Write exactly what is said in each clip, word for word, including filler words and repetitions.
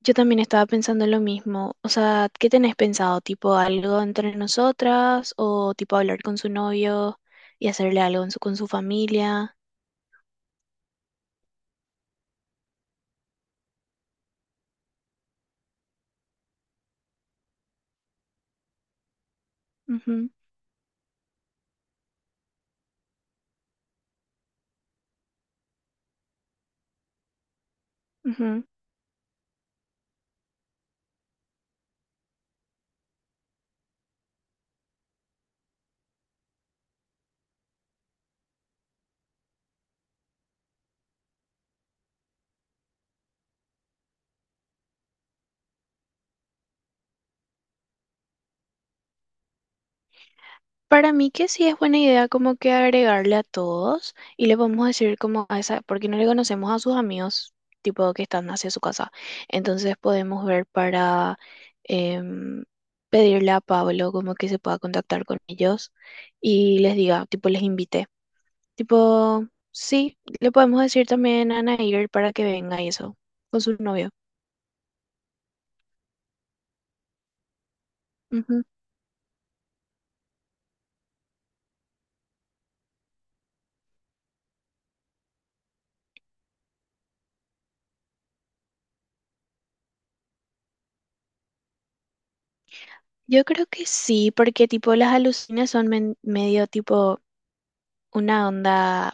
Yo también estaba pensando lo mismo. O sea, ¿qué tenés pensado? ¿Tipo algo entre nosotras o tipo hablar con su novio y hacerle algo en su- con su familia? Ujú, ujú. Para mí que sí es buena idea como que agregarle a todos y le podemos decir como a esa, porque no le conocemos a sus amigos tipo que están hacia su casa. Entonces podemos ver para em, pedirle a Pablo como que se pueda contactar con ellos y les diga, tipo les invite. Tipo, sí, le podemos decir también a Nair para que venga y eso, con su novio. Ujú. Yo creo que sí, porque tipo las alucinas son men- medio tipo una onda.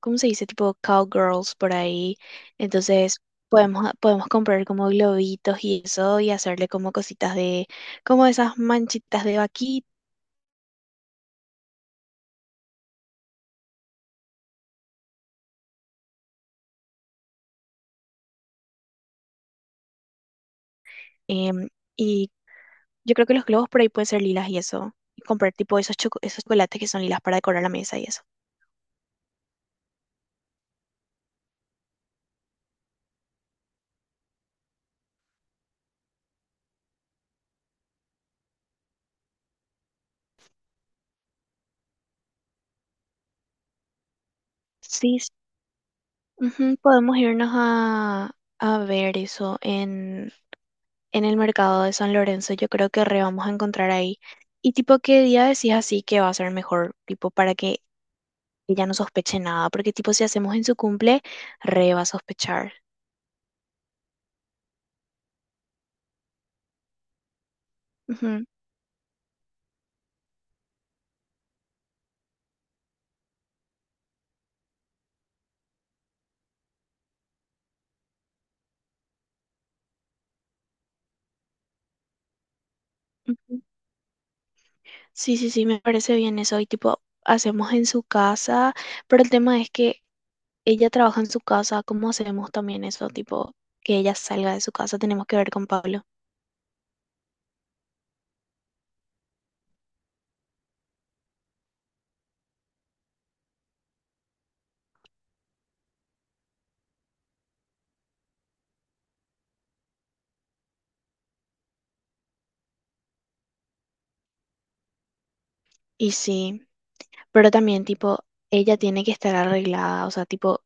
¿Cómo se dice? Tipo cowgirls por ahí. Entonces podemos, podemos comprar como globitos y eso y hacerle como cositas de, como esas manchitas de vaquita. em, y yo creo que los globos por ahí pueden ser lilas y eso. Y comprar tipo esos, choco- esos chocolates que son lilas para decorar la mesa y eso. Sí, sí. Ujú, podemos irnos a, a ver eso en, en el mercado de San Lorenzo. Yo creo que re vamos a encontrar ahí. Y tipo, ¿qué día decís así que va a ser mejor? Tipo, para que ella no sospeche nada. Porque tipo, si hacemos en su cumple, re va a sospechar. Ujú, ujú. Sí, sí, sí, me parece bien eso. Y tipo, hacemos en su casa, pero el tema es que ella trabaja en su casa. ¿Cómo hacemos también eso? Tipo, que ella salga de su casa, tenemos que ver con Pablo. Y sí, pero también tipo, ella tiene que estar arreglada, o sea, tipo,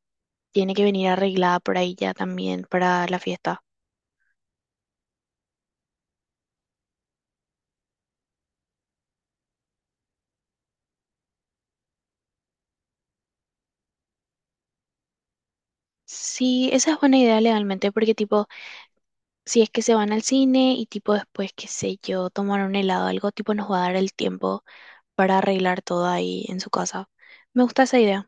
tiene que venir arreglada por ahí ya también para la fiesta. Sí, esa es buena idea legalmente, porque tipo, si es que se van al cine y tipo después, qué sé yo, tomar un helado, algo tipo nos va a dar el tiempo para arreglar todo ahí en su casa. Me gusta esa idea.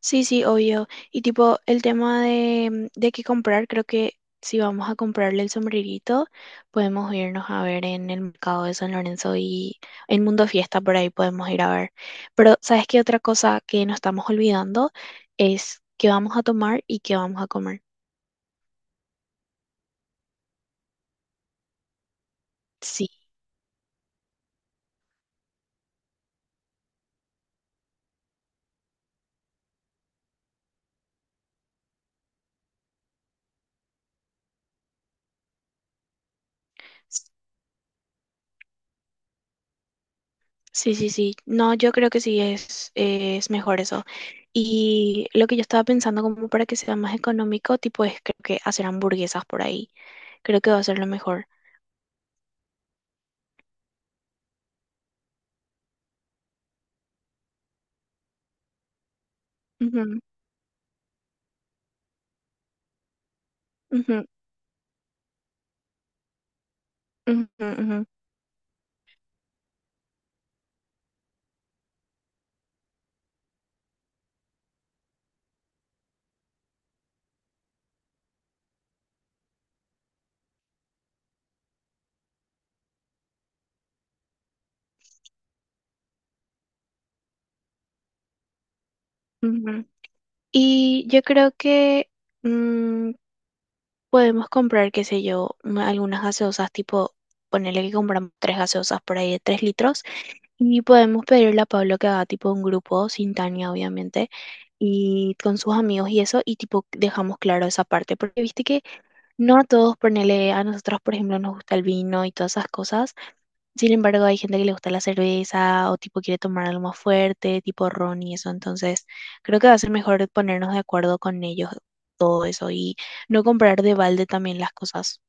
Sí, sí, obvio. Y tipo el tema de, de qué comprar, creo que si vamos a comprarle el sombrerito, podemos irnos a ver en el mercado de San Lorenzo y en Mundo Fiesta, por ahí podemos ir a ver. Pero, ¿sabes qué otra cosa que nos estamos olvidando es qué vamos a tomar y qué vamos a comer? Sí. Sí, sí, sí. No, yo creo que sí es, es mejor eso. Y lo que yo estaba pensando como para que sea más económico, tipo, es creo que hacer hamburguesas por ahí. Creo que va a ser lo mejor. Ujú, ujú, ujú, ujú, ujú. Y yo creo que mm, podemos comprar, qué sé yo, una- algunas gaseosas, tipo, ponerle que compramos tres gaseosas por ahí de tres litros. Y podemos pedirle a Pablo que haga tipo un grupo sin Tania, obviamente, y con sus amigos y eso, y tipo dejamos claro esa parte, porque viste que no a todos, ponele, a nosotros, por ejemplo, nos gusta el vino y todas esas cosas. Sin embargo, hay gente que le gusta la cerveza o tipo quiere tomar algo más fuerte, tipo ron y eso. Entonces creo que va a ser mejor ponernos de acuerdo con ellos todo eso y no comprar de balde también las cosas.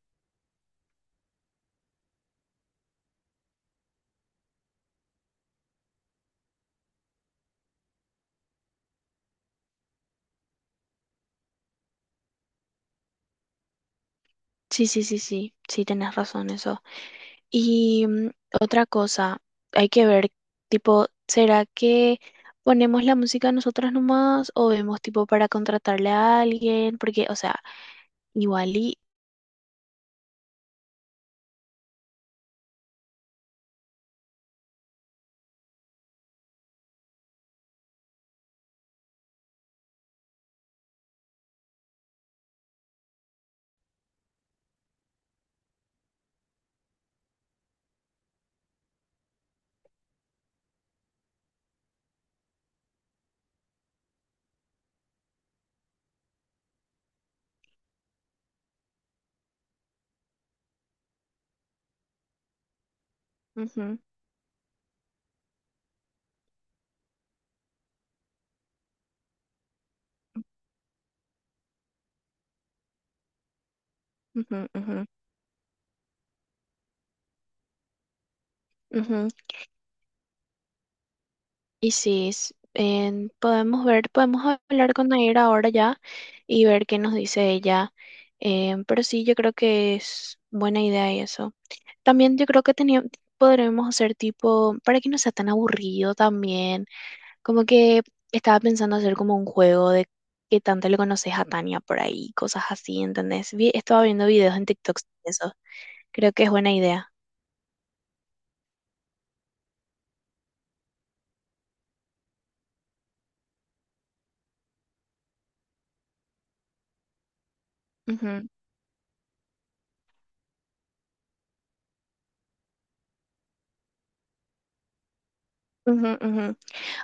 Sí, sí, sí, sí, sí, tenés razón eso. Y mm, otra cosa, hay que ver, tipo, ¿será que ponemos la música nosotras nomás o vemos tipo para contratarle a alguien? Porque, o sea, igual y... Ujú, ujú, ujú, ujú. Y sí, s- en- podemos ver, podemos hablar con Nair ahora ya y ver qué nos dice ella. Em, pero sí, yo creo que es buena idea y eso. También yo creo que tenía- podremos hacer tipo, para que no sea tan aburrido también, como que estaba pensando hacer como un juego de qué tanto le conoces a Tania por ahí, cosas así, ¿entendés? Vi, estaba viendo videos en TikTok de eso. Creo que es buena idea. Ujú, ujú, ujú.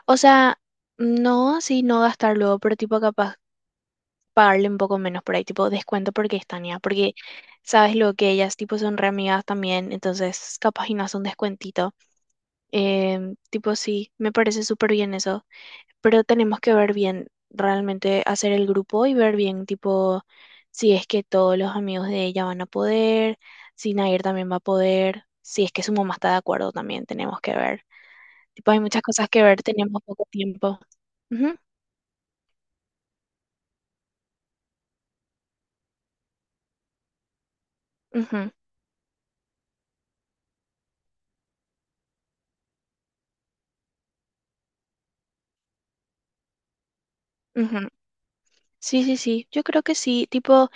O sea, no así no gastar luego, pero tipo capaz pagarle un poco menos por ahí, tipo descuento porque es Tania, porque sabes lo que ellas tipo son re amigas también, entonces capaz y no hace un descuentito. Em, tipo sí, me parece súper bien eso. Pero tenemos que ver bien, realmente hacer el grupo y ver bien, tipo, si es que todos los amigos de ella van a poder, si Nair también va a poder, si es que su mamá está de acuerdo también, tenemos que ver. Tipo, hay muchas cosas que ver, tenemos poco tiempo. Ujú, ujú, ujú. Sí, sí, sí, yo creo que sí, tipo,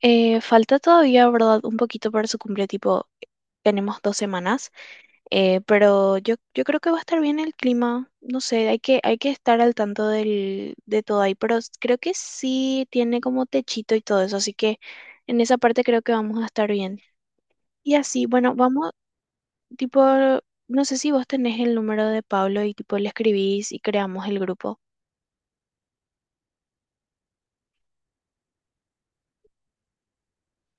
eh, falta todavía, ¿verdad? Un poquito para su cumple, tipo, tenemos dos semanas. Eh, pero yo, yo creo que va a estar bien el clima. No sé, hay que, hay que estar al tanto del, de todo ahí. Pero s- creo que sí tiene como techito y todo eso. Así que en esa parte creo que vamos a estar bien. Y así, bueno, vamos, tipo, no sé si vos tenés el número de Pablo y tipo le escribís y creamos el grupo.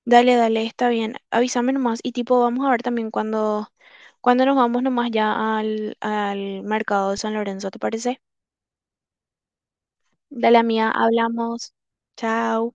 Dale, dale, está bien. Avísame nomás. Y tipo, vamos a ver también cuando, cuando nos vamos nomás ya al, al mercado de San Lorenzo, ¿te parece? Dale, amiga, hablamos. Chao.